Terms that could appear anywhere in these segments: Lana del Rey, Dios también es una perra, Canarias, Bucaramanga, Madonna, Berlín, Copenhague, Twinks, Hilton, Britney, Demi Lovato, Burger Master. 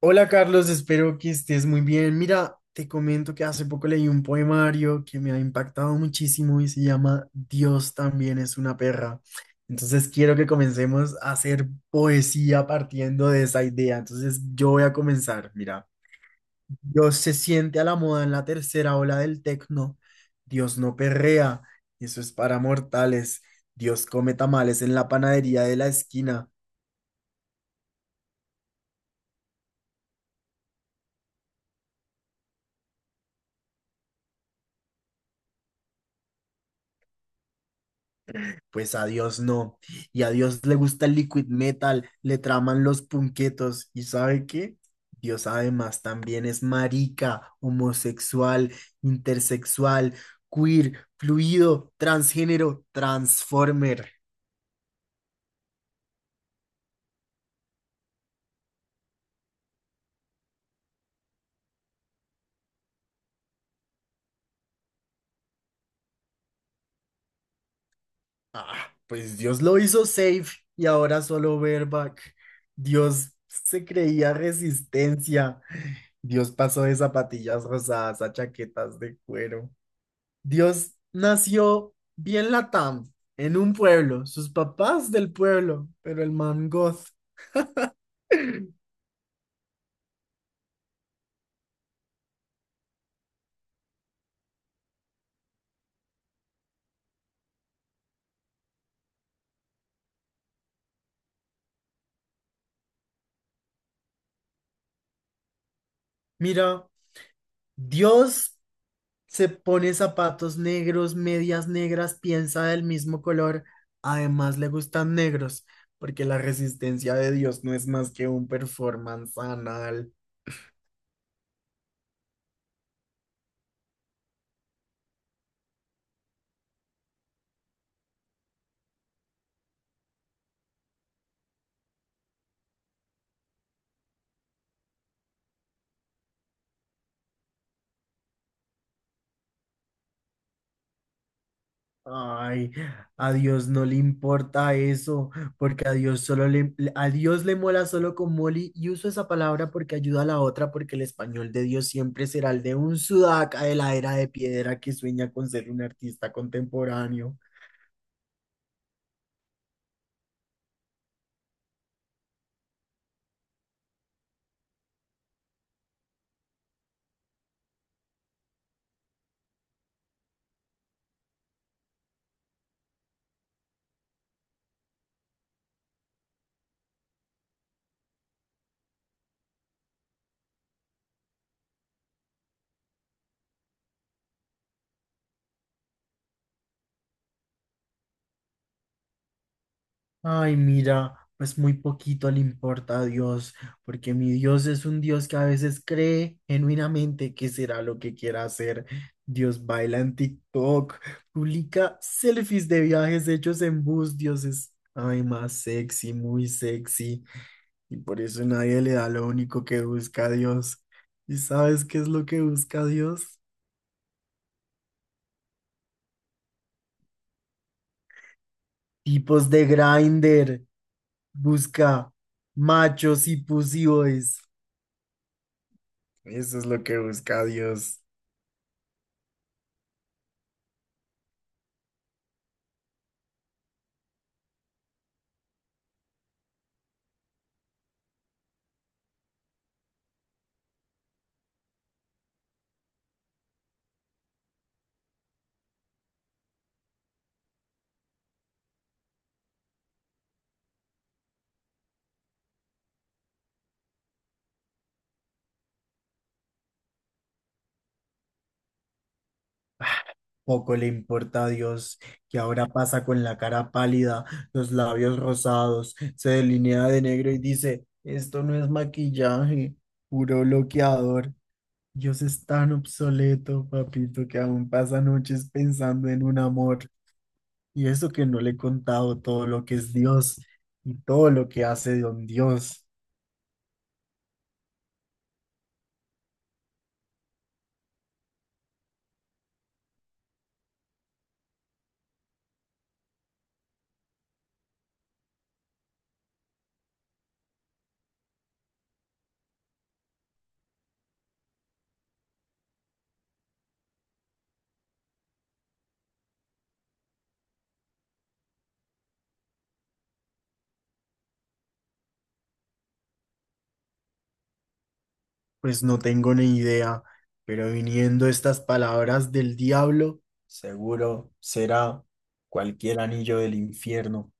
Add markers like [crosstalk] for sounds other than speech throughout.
Hola Carlos, espero que estés muy bien. Mira, te comento que hace poco leí un poemario que me ha impactado muchísimo y se llama Dios también es una perra. Entonces quiero que comencemos a hacer poesía partiendo de esa idea. Entonces yo voy a comenzar. Mira, Dios se siente a la moda en la tercera ola del tecno. Dios no perrea, eso es para mortales. Dios come tamales en la panadería de la esquina. Pues a Dios no. Y a Dios le gusta el liquid metal, le traman los punquetos. ¿Y sabe qué? Dios además también es marica, homosexual, intersexual, queer, fluido, transgénero, transformer. Ah, pues Dios lo hizo safe y ahora solo bareback. Dios se creía resistencia. Dios pasó de zapatillas rosadas a chaquetas de cuero. Dios nació bien Latam, en un pueblo, sus papás del pueblo, pero el man goth. Mira, Dios se pone zapatos negros, medias negras, piensa del mismo color, además le gustan negros, porque la resistencia de Dios no es más que un performance anal. Ay, a Dios no le importa eso, porque a Dios le mola solo con Molly y uso esa palabra porque ayuda a la otra, porque el español de Dios siempre será el de un sudaca de la era de piedra que sueña con ser un artista contemporáneo. Ay, mira, pues muy poquito le importa a Dios, porque mi Dios es un Dios que a veces cree genuinamente que será lo que quiera hacer. Dios baila en TikTok, publica selfies de viajes hechos en bus, Dios es, ay, más sexy, muy sexy, y por eso nadie le da lo único que busca a Dios. ¿Y sabes qué es lo que busca Dios? Tipos de grinder busca machos y pussyboys. Eso es lo que busca Dios. Poco le importa a Dios que ahora pasa con la cara pálida, los labios rosados, se delinea de negro y dice, esto no es maquillaje, puro bloqueador. Dios es tan obsoleto, papito, que aún pasa noches pensando en un amor. Y eso que no le he contado todo lo que es Dios y todo lo que hace don Dios. Pues no tengo ni idea, pero viniendo estas palabras del diablo, seguro será cualquier anillo del infierno.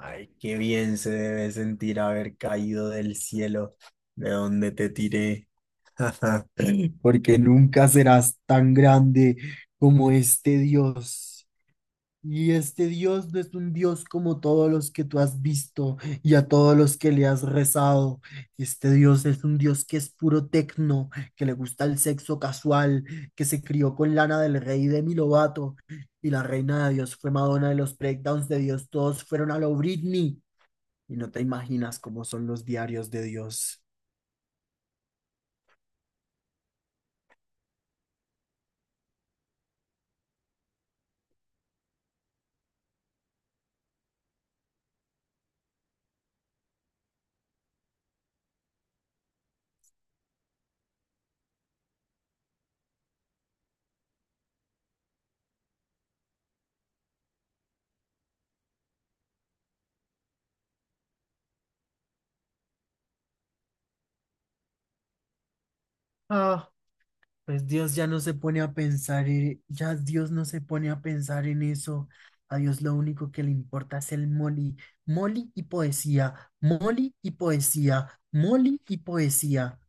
Ay, qué bien se debe sentir haber caído del cielo de donde te tiré, [laughs] porque nunca serás tan grande como este Dios. Y este Dios no es un Dios como todos los que tú has visto y a todos los que le has rezado. Este Dios es un Dios que es puro tecno, que le gusta el sexo casual, que se crió con Lana del Rey y Demi Lovato. Y la reina de Dios fue Madonna y los breakdowns de Dios todos fueron a lo Britney. Y no te imaginas cómo son los diarios de Dios. Ah. Pues Dios ya no se pone a pensar, en- ya Dios no se pone a pensar en eso. A Dios lo único que le importa es el Molly. Molly y poesía, Molly y poesía, Molly y poesía.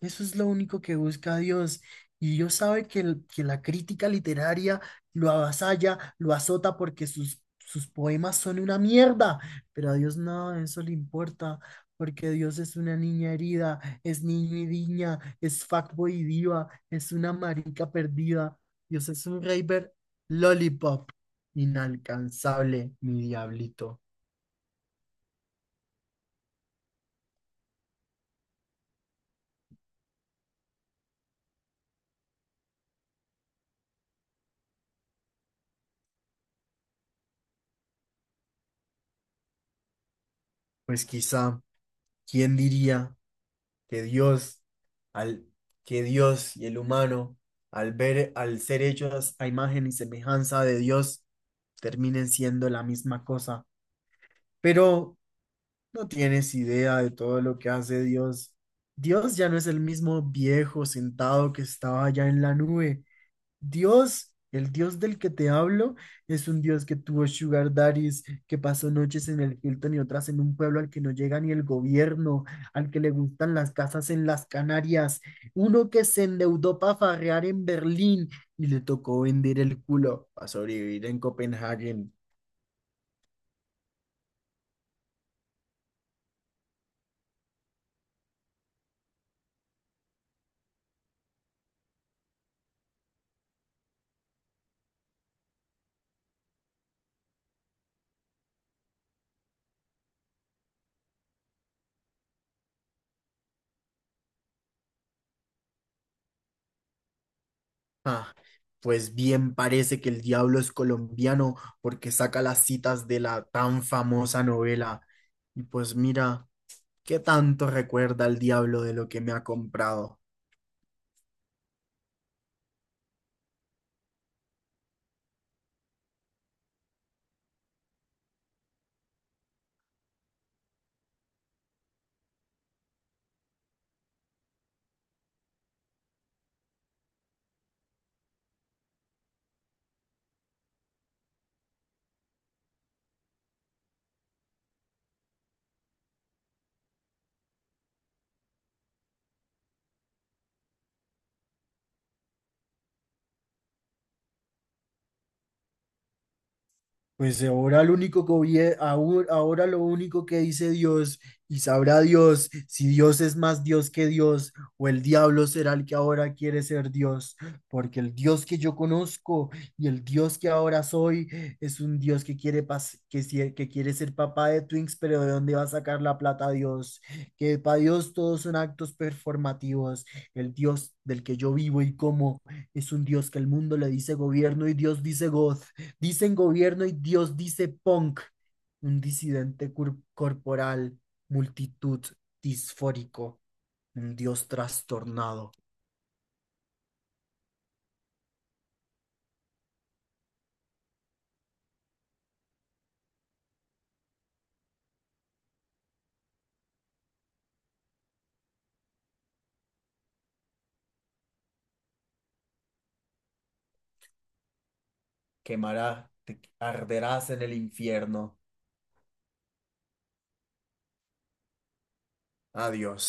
Eso es lo único que busca Dios. Y Dios sabe que, el- que la crítica literaria lo avasalla, lo azota porque sus poemas son una mierda. Pero a Dios nada de eso le importa, porque Dios es una niña herida, es niño y niña, es fuckboy y diva, es una marica perdida. Dios es un raver lollipop, inalcanzable, mi diablito. Pues quizá, ¿quién diría que Dios, al, que Dios y el humano, al ser hechos a imagen y semejanza de Dios, terminen siendo la misma cosa? Pero no tienes idea de todo lo que hace Dios. Dios ya no es el mismo viejo sentado que estaba allá en la nube. Dios, el Dios del que te hablo, es un Dios que tuvo sugar daddies, que pasó noches en el Hilton y otras en un pueblo al que no llega ni el gobierno, al que le gustan las casas en las Canarias, uno que se endeudó para farrear en Berlín y le tocó vender el culo para sobrevivir en Copenhague. Ah, pues bien parece que el diablo es colombiano porque saca las citas de la tan famosa novela. Y pues mira. ¿Qué tanto recuerda el diablo de lo que me ha comprado? Pues ahora lo único que dice Dios y sabrá Dios si Dios es más Dios que Dios o el diablo será el que ahora quiere ser Dios, porque el Dios que yo conozco y el Dios que ahora soy es un Dios que quiere pas- que, sie- que quiere ser papá de Twinks, pero ¿de dónde va a sacar la plata Dios? Que para Dios todos son actos performativos. El Dios del que yo vivo y como es un Dios que el mundo le dice gobierno y Dios dice God. Dicen gobierno y Dios dice punk. Un corporal, multitud disfórico, un Dios trastornado. Quemará, te arderás en el infierno. Adiós.